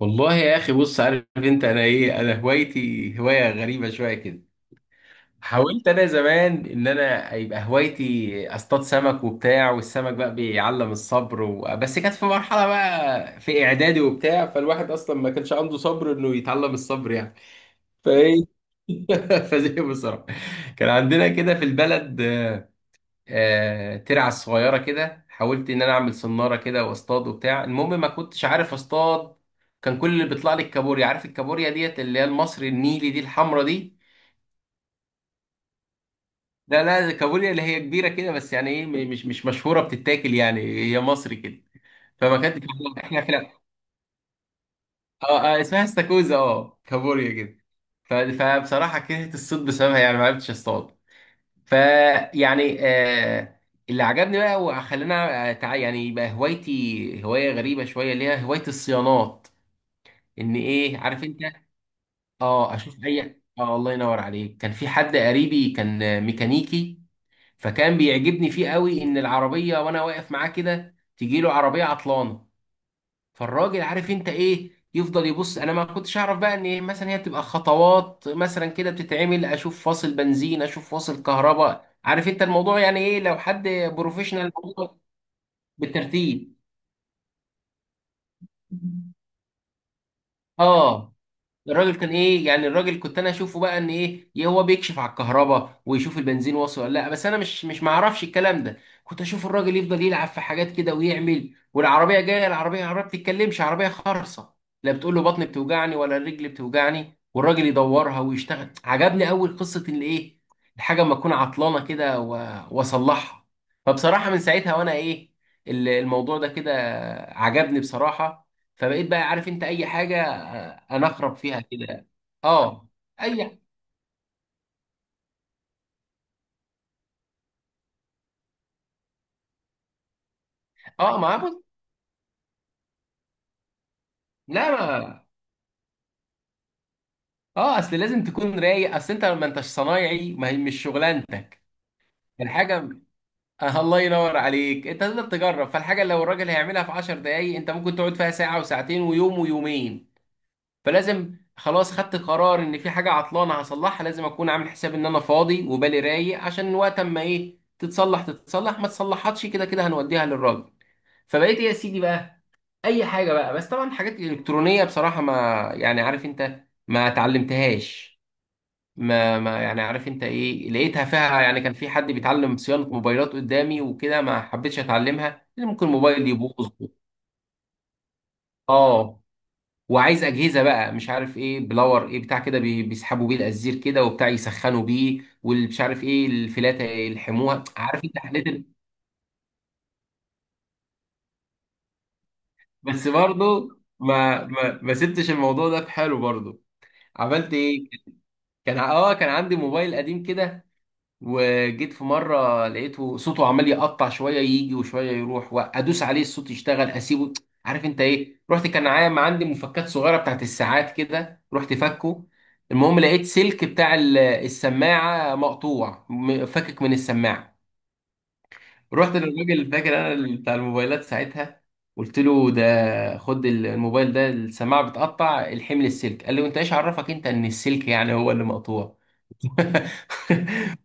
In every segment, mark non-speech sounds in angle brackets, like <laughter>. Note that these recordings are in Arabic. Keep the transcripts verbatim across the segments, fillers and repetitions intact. والله يا اخي، بص، عارف انت، انا ايه، انا هوايتي هوايه غريبه شويه كده. حاولت انا زمان ان انا يبقى هوايتي اصطاد سمك وبتاع، والسمك بقى بيعلم الصبر و... بس كانت في مرحله بقى في اعدادي وبتاع، فالواحد اصلا ما كانش عنده صبر انه يتعلم الصبر يعني. فايه <laughs> فزي بصراحه. كان عندنا كده في البلد آه، ترعة صغيرة كده، حاولت إن أنا أعمل صنارة كده وأصطاد وبتاع، المهم ما كنتش عارف أصطاد. كان كل اللي بيطلع لي الكابوريا، عارف الكابوريا ديت اللي هي المصري النيلي دي، الحمرا دي. لا لا، الكابوريا اللي هي كبيرة كده، بس يعني إيه م- مش مش مشهورة بتتاكل يعني، هي مصري كده. فما كانت <laughs> إحنا في آه آه، اسمها استاكوزا، آه كابوريا كده. ف- فبصراحة كرهت الصيد بسببها، يعني ما عرفتش أصطاد. فيعني آه، اللي عجبني بقى وخلاني أتع- يعني يبقى هوايتي هوايه غريبه شويه، اللي هي هوايه الصيانات. ان ايه عارف انت، اه اشوف اي اه، الله ينور عليك. كان في حد قريبي كان آه، ميكانيكي. فكان بيعجبني فيه قوي ان العربيه وانا واقف معاه كده تجي له عربيه عطلانه. فالراجل عارف انت ايه يفضل يبص، انا ما كنتش اعرف بقى ان إيه مثلا هي بتبقى خطوات مثلا كده بتتعمل، اشوف فاصل بنزين، اشوف فاصل كهرباء، عارف انت الموضوع يعني ايه لو حد بروفيشنال، بالترتيب. اه الراجل كان ايه يعني، الراجل كنت انا اشوفه بقى ان ايه إيه هو بيكشف على الكهرباء ويشوف البنزين واصل ولا لا، بس انا مش مش معرفش الكلام ده. كنت اشوف الراجل يفضل يلعب في حاجات كده ويعمل، والعربيه جايه، العربيه عربيه بتتكلمش، عربيه خرصه. لا بتقول له بطني بتوجعني ولا الرجل بتوجعني، والراجل يدورها ويشتغل. عجبني اول قصه الايه، الحاجه اما اكون عطلانه كده و- واصلحها. فبصراحه من ساعتها وانا ايه ال- الموضوع ده كده عجبني بصراحه. فبقيت بقى عارف انت اي حاجه آه، انا اخرب فيها كده. اه اي اه، ما بص، لا ما، اه اصل لازم تكون رايق، اصل انت ما انتش صنايعي، ما هي مش شغلانتك الحاجه. آه الله ينور عليك، انت تقدر تجرب، فالحاجه اللي لو الراجل هيعملها في 10 دقايق انت ممكن تقعد فيها ساعه وساعتين ويوم ويومين. فلازم خلاص خدت قرار ان في حاجه عطلانه هصلحها، لازم اكون عامل حساب ان انا فاضي وبالي رايق، عشان وقت اما ايه تتصلح تتصلح، ما تصلحتش كده كده هنوديها للراجل. فبقيت ايه يا سيدي بقى اي حاجه بقى، بس طبعا حاجات الكترونيه بصراحه ما يعني عارف انت ما اتعلمتهاش. ما ما يعني عارف انت ايه لقيتها فيها يعني، كان في حد بيتعلم صيانه موبايلات قدامي وكده، ما حبيتش اتعلمها لان ممكن الموبايل يبوظ. اه وعايز اجهزه بقى، مش عارف ايه بلور، ايه بتاع كده بي- بيسحبوا بيه الازير كده وبتاع، يسخنوا بيه، واللي مش عارف ايه الفلاته يلحموها، عارف انت. حليت ال- بس برضه ما ما ما سبتش الموضوع ده في حاله برضه. عملت ايه، كان ع- اه كان عندي موبايل قديم كده، وجيت في مره لقيته صوته عمال يقطع، شويه يجي وشويه يروح، وادوس عليه الصوت يشتغل اسيبه. عارف انت ايه، رحت، كان عام عندي مفكات صغيره بتاعت الساعات كده، رحت فكه. المهم لقيت سلك بتاع ال- السماعه مقطوع، م- فكك من السماعه. رحت للراجل فاكر انا ال- بتاع الموبايلات ساعتها. قلت له ده خد الموبايل ده السماعه بتقطع، الحمل السلك. قال لي وانت ايش عرفك انت ان السلك يعني هو اللي مقطوع؟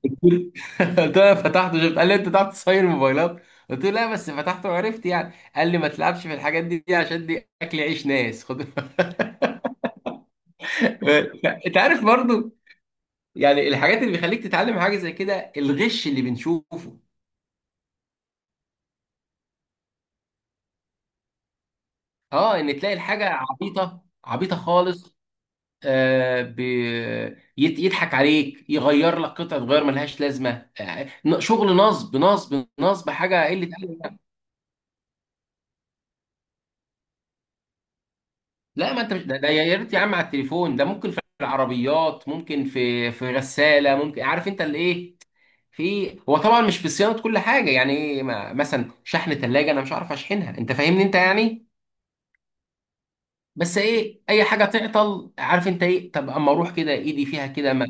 قلت له انا فتحته شفت. قال لي انت تعرف تصين موبايلات؟ قلت له لا بس فتحته وعرفت يعني. قال لي ما تلعبش في الحاجات دي, دي عشان دي اكل عيش ناس، خد <laughs> انت عارف برضو يعني الحاجات اللي بيخليك تتعلم حاجه زي كده، الغش اللي بنشوفه. اه ان تلاقي الحاجه عبيطه عبيطه خالص، آه ب... يت- يضحك عليك، يغير لك قطعه غير ملهاش لازمه. آه، شغل نصب نصب نصب، حاجه قله. لا ما انت مش- ده, ده يا ريت يا عم على التليفون ده، ممكن في العربيات، ممكن في في غساله، ممكن عارف انت الايه. في هو طبعا مش في صيانه كل حاجه يعني ايه، ما- مثلا شحن ثلاجه انا مش عارف اشحنها، انت فاهمني انت يعني. بس ايه اي حاجه تعطل عارف انت ايه، طب اما اروح كده ايدي فيها كده ما-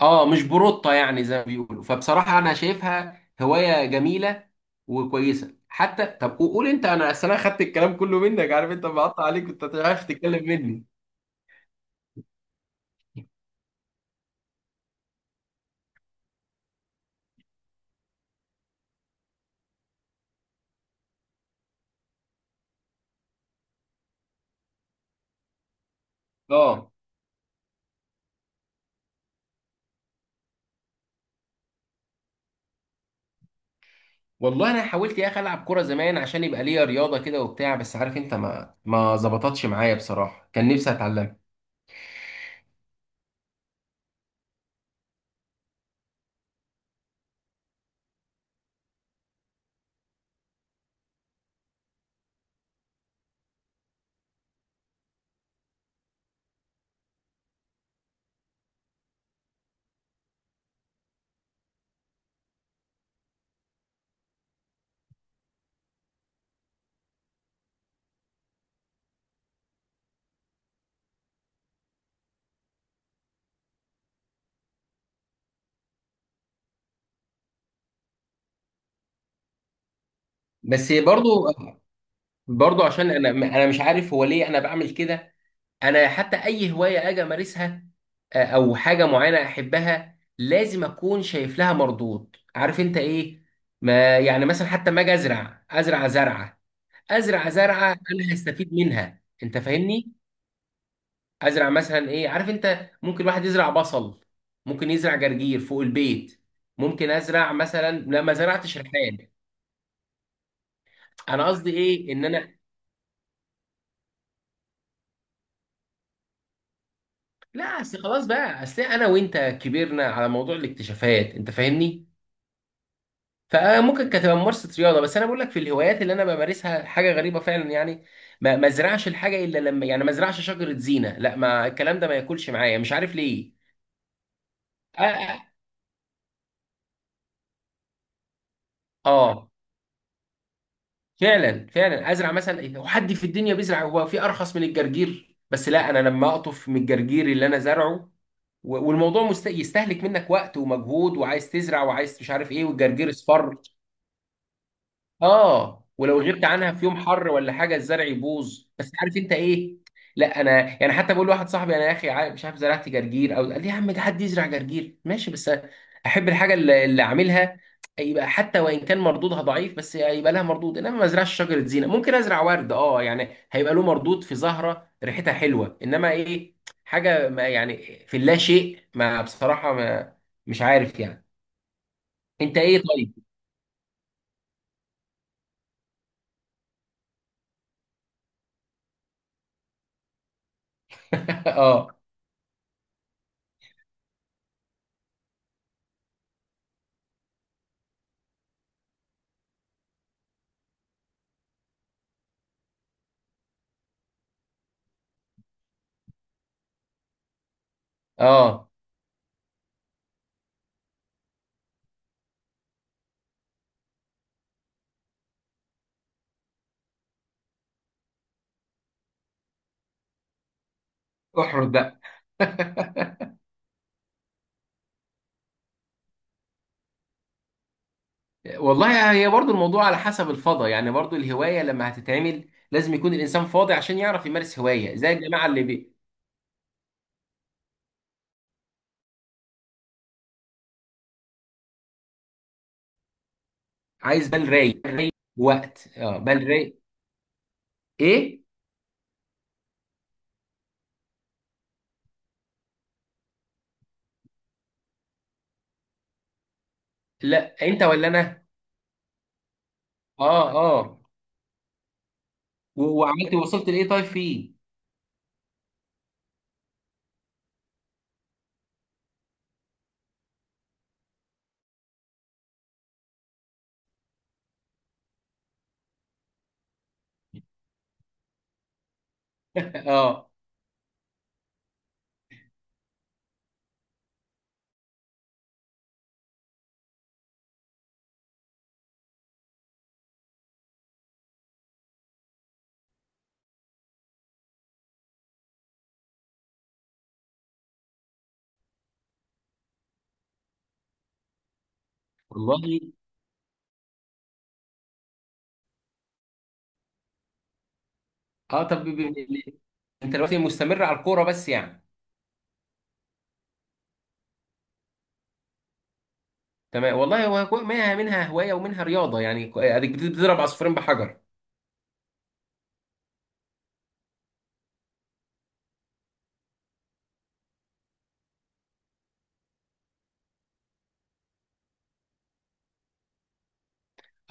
اه مش بروطه يعني زي ما بيقولوا. فبصراحه انا شايفها هوايه جميله وكويسه حتى. طب قول انت، انا اصل انا خدت الكلام كله منك، عارف انت، بقطع عليك، كنت عارف تتكلم مني. اه والله انا حاولت يا اخي العب كوره زمان عشان يبقى ليا رياضه كده وبتاع، بس عارف انت ما ما ظبطتش معايا بصراحه، كان نفسي اتعلمها. بس برضو برضو عشان انا انا مش عارف هو ليه انا بعمل كده. انا حتى اي هوايه اجي امارسها آه، او حاجه معينه احبها، لازم اكون شايف لها مردود، عارف انت ايه. ما يعني مثلا حتى ما اجي ازرع، ازرع زرعه، ازرع زرعه انا هستفيد منها، انت فاهمني. ازرع مثلا ايه، عارف انت ممكن واحد يزرع بصل، ممكن يزرع جرجير فوق البيت، ممكن ازرع مثلا، لا ما زرعتش ريحان. انا قصدي ايه ان انا لا اصل خلاص بقى، اصل انا وانت كبرنا على موضوع الاكتشافات، انت فاهمني. فممكن كانت تبقى ممارسه رياضه، بس انا بقول لك في الهوايات اللي انا بمارسها حاجه غريبه فعلا يعني. ما ما ازرعش الحاجه الا لما يعني ما ازرعش شجره زينه، لا ما الكلام ده ما ياكلش معايا، مش عارف ليه. اه، آه. فعلا فعلا ازرع مثلا إيه، هو حد في الدنيا بيزرع، هو في ارخص من الجرجير؟ بس لا، انا لما اقطف من الجرجير اللي انا زرعه، و- والموضوع مست... يستهلك منك وقت ومجهود، وعايز تزرع وعايز مش عارف ايه، والجرجير اصفر. اه، ولو غبت عنها في يوم حر ولا حاجه الزرع يبوظ، بس عارف انت ايه. لا انا يعني حتى بقول لواحد صاحبي، انا يا اخي عا- مش عارف زرعت جرجير. او قال لي يا عم ده حد يزرع جرجير؟ ماشي، بس احب الحاجه اللي اللي اعملها، يبقى حتى وان كان مردودها ضعيف بس يبقى لها مردود. انما ما ازرعش شجره زينه، ممكن ازرع ورد اه، يعني هيبقى له مردود في زهره ريحتها حلوه، انما ايه حاجه ما يعني في اللا شيء، ما بصراحه ما، مش عارف يعني. انت ايه طيب؟ <laughs> اه اه احرد بقى. <laughs> والله هي برضو الموضوع على حسب الفضا يعني، برضو الهواية لما هتتعمل لازم يكون الإنسان فاضي عشان يعرف يمارس هواية زي الجماعة اللي بي... عايز بال رايق، رايق وقت، اه بال رايق. إيه؟ لا، أنت ولا أنا؟ أه، أه، و- وعملت وصلت لإيه طيب فيه؟ <laughs> أه، والله أه. طب ب... ب... ب- أنت دلوقتي مستمر على الكورة بس يعني؟ تمام والله، هو هو- منها منها هواية ومنها رياضة يعني، ك- أديك بتضرب عصفورين بحجر.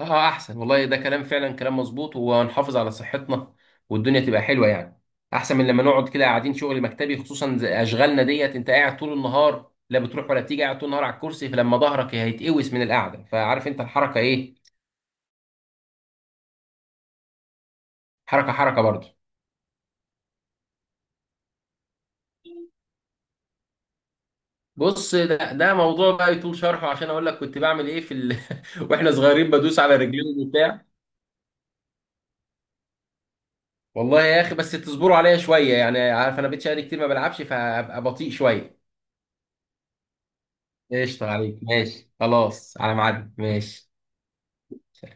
اه احسن والله، ده كلام فعلا كلام مظبوط، وهنحافظ على صحتنا، والدنيا تبقى حلوه يعني. احسن من لما نقعد كده قاعدين شغل مكتبي خصوصا زي اشغالنا ديت، انت قاعد طول النهار لا بتروح ولا بتيجي، قاعد طول النهار على الكرسي، فلما ظهرك هيتقوس من القعده، فعارف انت الحركه ايه، حركه حركه برضه. بص، ده ده موضوع بقى يطول شرحه عشان اقول لك كنت بعمل ايه في ال... <laughs> واحنا صغيرين بدوس على رجلين وبتاع. والله يا اخي بس تصبروا عليا شويه يعني، عارف انا بقيت شقالي كتير ما بلعبش، فابقى بطيء شويه. قشطة عليك، ماشي خلاص، على ميعاد، ماشي.